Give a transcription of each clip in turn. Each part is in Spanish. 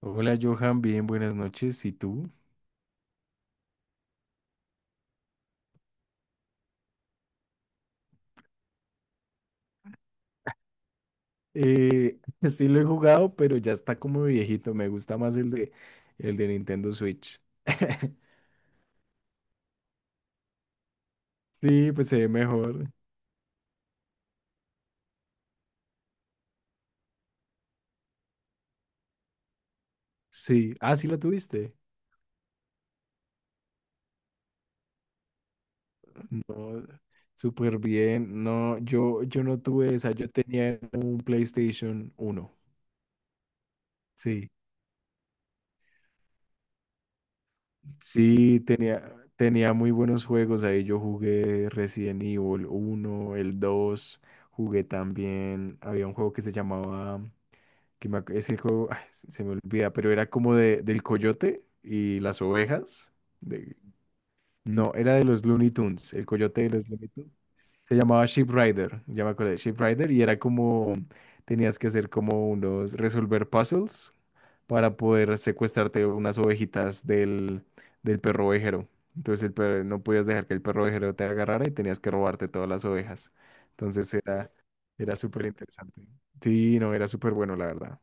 Hola Johan, bien, buenas noches. ¿Y tú? Eh, sí lo he jugado, pero ya está como viejito. Me gusta más el de Nintendo Switch. Sí, pues se ve mejor. Sí. Ah, sí lo tuviste. No, súper bien. No, yo no tuve esa. Yo tenía un PlayStation uno. Sí. Sí, tenía muy buenos juegos. Ahí yo jugué Resident Evil uno, el 2. Jugué también. Había un juego que se llamaba. Ese juego, ay, se me olvida, pero era como de, del coyote y las ovejas. de- no, era de los Looney Tunes, el coyote de los Looney Tunes. Se llamaba Sheep Rider, ya me acordé, Sheep Rider, y era como, tenías que hacer como unos, resolver puzzles para poder secuestrarte unas ovejitas del perro ovejero. Entonces el perro, no podías dejar que el perro ovejero te agarrara y tenías que robarte todas las ovejas. Entonces era súper interesante. Sí, no, era súper bueno, la verdad.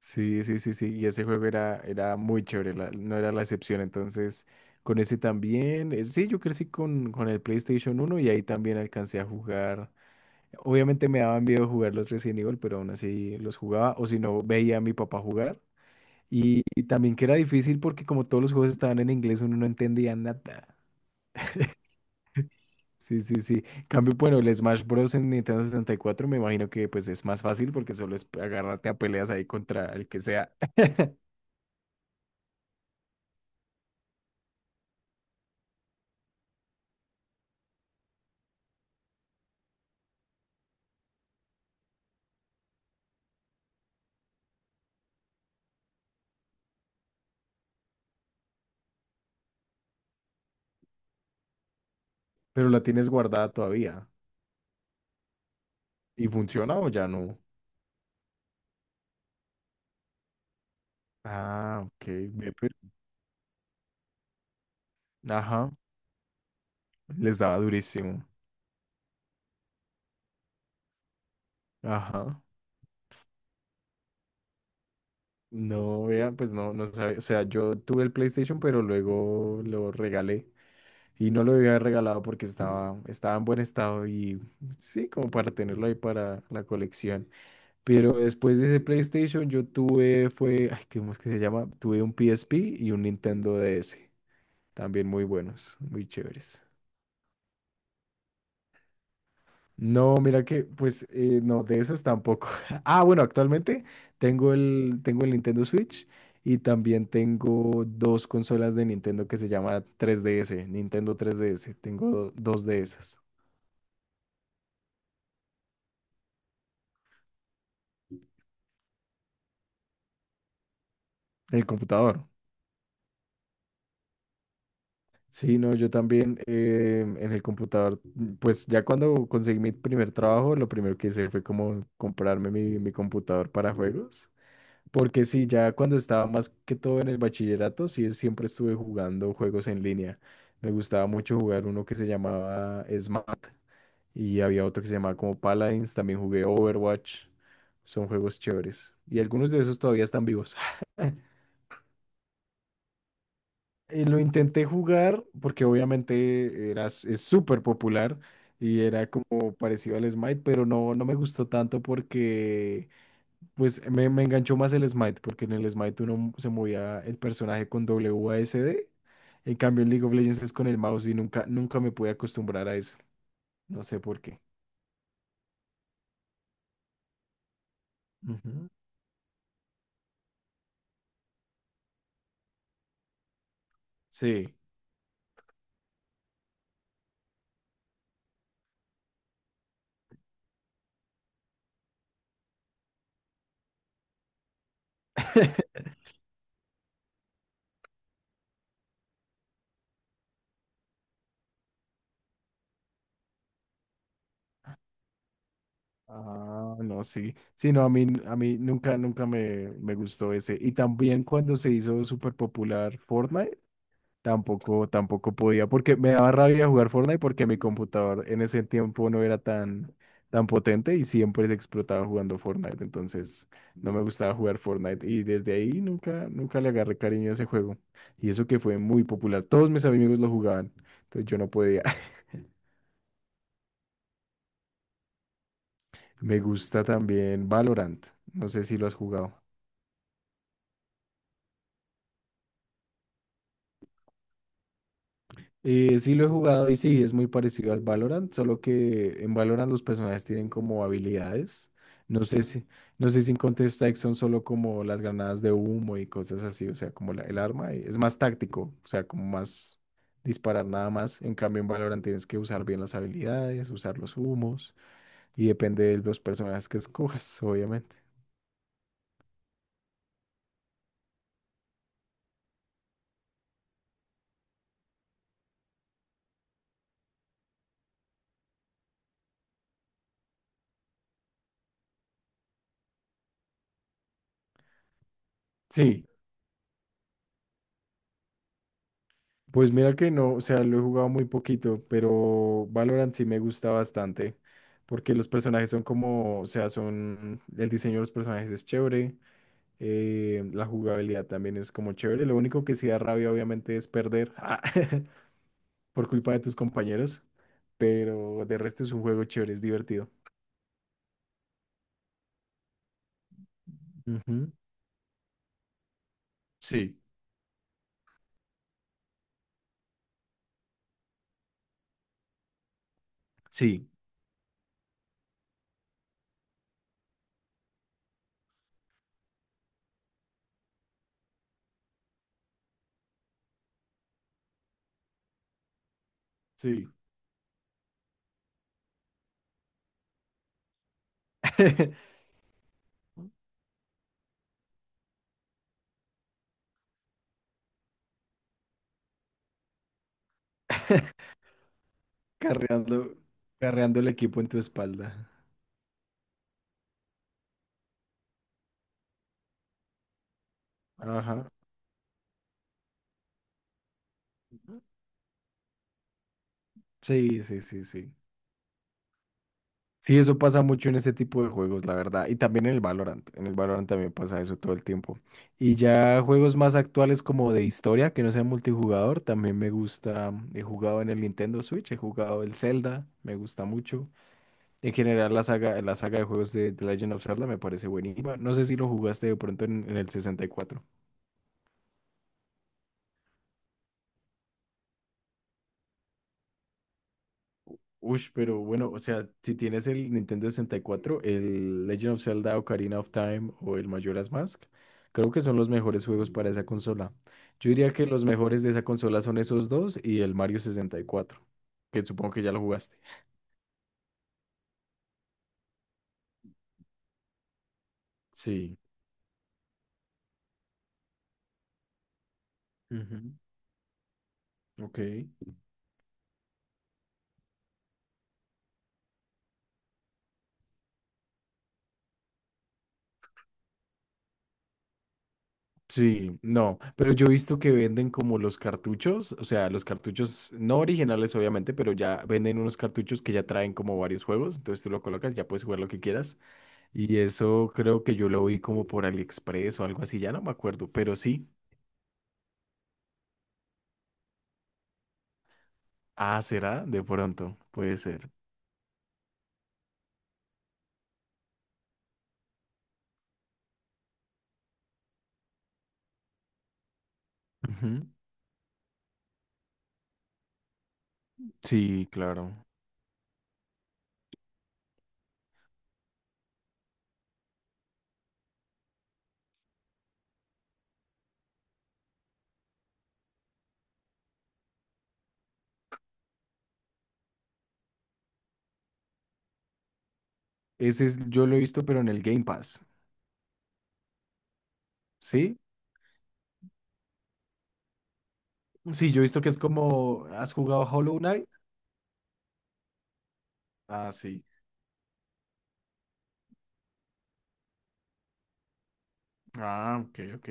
Sí, sí, sí, sí. Y ese juego era muy chévere, no era la excepción. Entonces, con ese también. Sí, yo crecí con el PlayStation uno y ahí también alcancé a jugar. Obviamente me daban miedo jugar los Resident Evil, pero aún así los jugaba. O si no, veía a mi papá jugar. Y también que era difícil porque como todos los juegos estaban en inglés, uno no entendía nada. Sí, sí, sí. Cambio, bueno, el Smash Bros. En Nintendo sesenta y cuatro me imagino que pues es más fácil porque solo es agarrarte a peleas ahí contra el que sea. Pero la tienes guardada todavía. ¿Y funciona o ya no? Ah, ok. Ve, ajá. Les daba durísimo. Ajá. No, vean, pues no, no sabía. O sea, yo tuve el PlayStation, pero luego lo regalé. Y no lo debía haber regalado porque estaba en buen estado y sí, como para tenerlo ahí para la colección. Pero después de ese PlayStation yo tuve, fue, ay, ¿cómo es que se llama? Tuve un PSP y un Nintendo DS. También muy buenos, muy chéveres. No, mira que, pues, no, de esos tampoco. Ah, bueno, actualmente tengo el Nintendo Switch y también tengo dos consolas de Nintendo que se llaman 3DS, Nintendo 3DS. Tengo dos de esas. El computador. Sí, no, yo también en el computador, pues ya cuando conseguí mi primer trabajo, lo primero que hice fue como comprarme mi computador para juegos. Porque sí, ya cuando estaba más que todo en el bachillerato, sí, siempre estuve jugando juegos en línea. Me gustaba mucho jugar uno que se llamaba Smart y había otro que se llamaba como Paladins. También jugué Overwatch. Son juegos chéveres. Y algunos de esos todavía están vivos. Lo intenté jugar porque obviamente era, es súper popular y era como parecido al Smite, pero no me gustó tanto porque pues me enganchó más el Smite, porque en el Smite uno se movía el personaje con WASD. En cambio, en League of Legends es con el mouse y nunca me pude acostumbrar a eso. No sé por qué. Ujú. Sí. Ah, no, sí. Sí, no, a mí nunca me gustó ese. Y también cuando se hizo súper popular Fortnite. Tampoco podía, porque me daba rabia jugar Fortnite porque mi computador en ese tiempo no era tan potente y siempre se explotaba jugando Fortnite, entonces no me gustaba jugar Fortnite y desde ahí nunca le agarré cariño a ese juego. Y eso que fue muy popular, todos mis amigos lo jugaban, entonces yo no podía. Me gusta también Valorant, no sé si lo has jugado. Sí lo he jugado y sí, es muy parecido al Valorant, solo que en Valorant los personajes tienen como habilidades. No sé si, no sé si en Counter-Strike son solo como las granadas de humo y cosas así, o sea, como el arma y es más táctico, o sea, como más disparar nada más. En cambio, en Valorant tienes que usar bien las habilidades, usar los humos y depende de los personajes que escojas, obviamente. Sí. Pues mira que no, o sea, lo he jugado muy poquito, pero Valorant sí me gusta bastante, porque los personajes son como, o sea, son, el diseño de los personajes es chévere, la jugabilidad también es como chévere, lo único que sí da rabia obviamente es perder ah, por culpa de tus compañeros, pero de resto es un juego chévere, es divertido. Ujú. Sí, sí, sí. Carreando, carreando el equipo en tu espalda. Ajá. Sí, sí, sí, sí. Sí, eso pasa mucho en ese tipo de juegos, la verdad. Y también en el Valorant. En el Valorant también pasa eso todo el tiempo. Y ya juegos más actuales como de historia, que no sea multijugador, también me gusta. He jugado en el Nintendo Switch, he jugado el Zelda, me gusta mucho. En general, la saga de juegos de The Legend of Zelda me parece buenísima. No sé si lo jugaste de pronto en el 64. Ush, pero bueno, o sea, si tienes el Nintendo sesenta y cuatro, el Legend of Zelda, Ocarina of Time o el Majora's Mask, creo que son los mejores juegos para esa consola. Yo diría que los mejores de esa consola son esos dos y el Mario sesenta y cuatro, que supongo que ya lo jugaste. Sí. Ujú, ok. Sí, no, pero yo he visto que venden como los cartuchos, o sea, los cartuchos no originales obviamente, pero ya venden unos cartuchos que ya traen como varios juegos, entonces tú lo colocas, ya puedes jugar lo que quieras. Y eso creo que yo lo vi como por AliExpress o algo así, ya no me acuerdo, pero sí. Ah, será de pronto, puede ser. Ujú. Sí, claro. Ese es, yo lo he visto, pero en el Game Pass. ¿Sí? Sí, yo he visto que es como, ¿has jugado Hollow Knight? Ah, sí. Ah, ok, ok.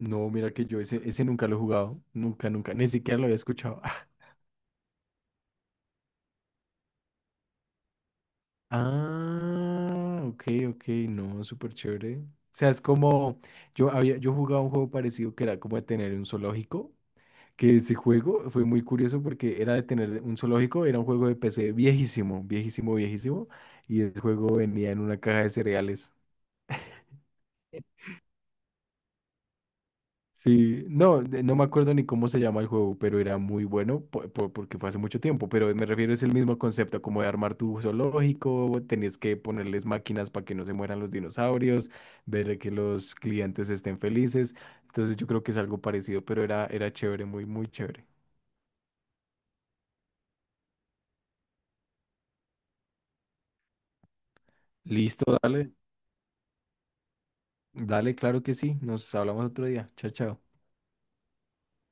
No, mira que yo ese nunca lo he jugado. Nunca, nunca. Ni siquiera lo había escuchado. Ah, ok, ok. No, súper chévere. O sea, es como, yo jugaba un juego parecido que era como de tener un zoológico. Que ese juego fue muy curioso porque era de tener un zoológico, era un juego de PC viejísimo, viejísimo, viejísimo, y el juego venía en una caja de cereales. Sí, no, no me acuerdo ni cómo se llama el juego, pero era muy bueno porque fue hace mucho tiempo, pero me refiero es el mismo concepto, como de armar tu zoológico, tenías que ponerles máquinas para que no se mueran los dinosaurios, ver que los clientes estén felices, entonces yo creo que es algo parecido, pero era chévere, muy, muy chévere. Listo, dale. Dale, claro que sí. Nos hablamos otro día. Chao, chao.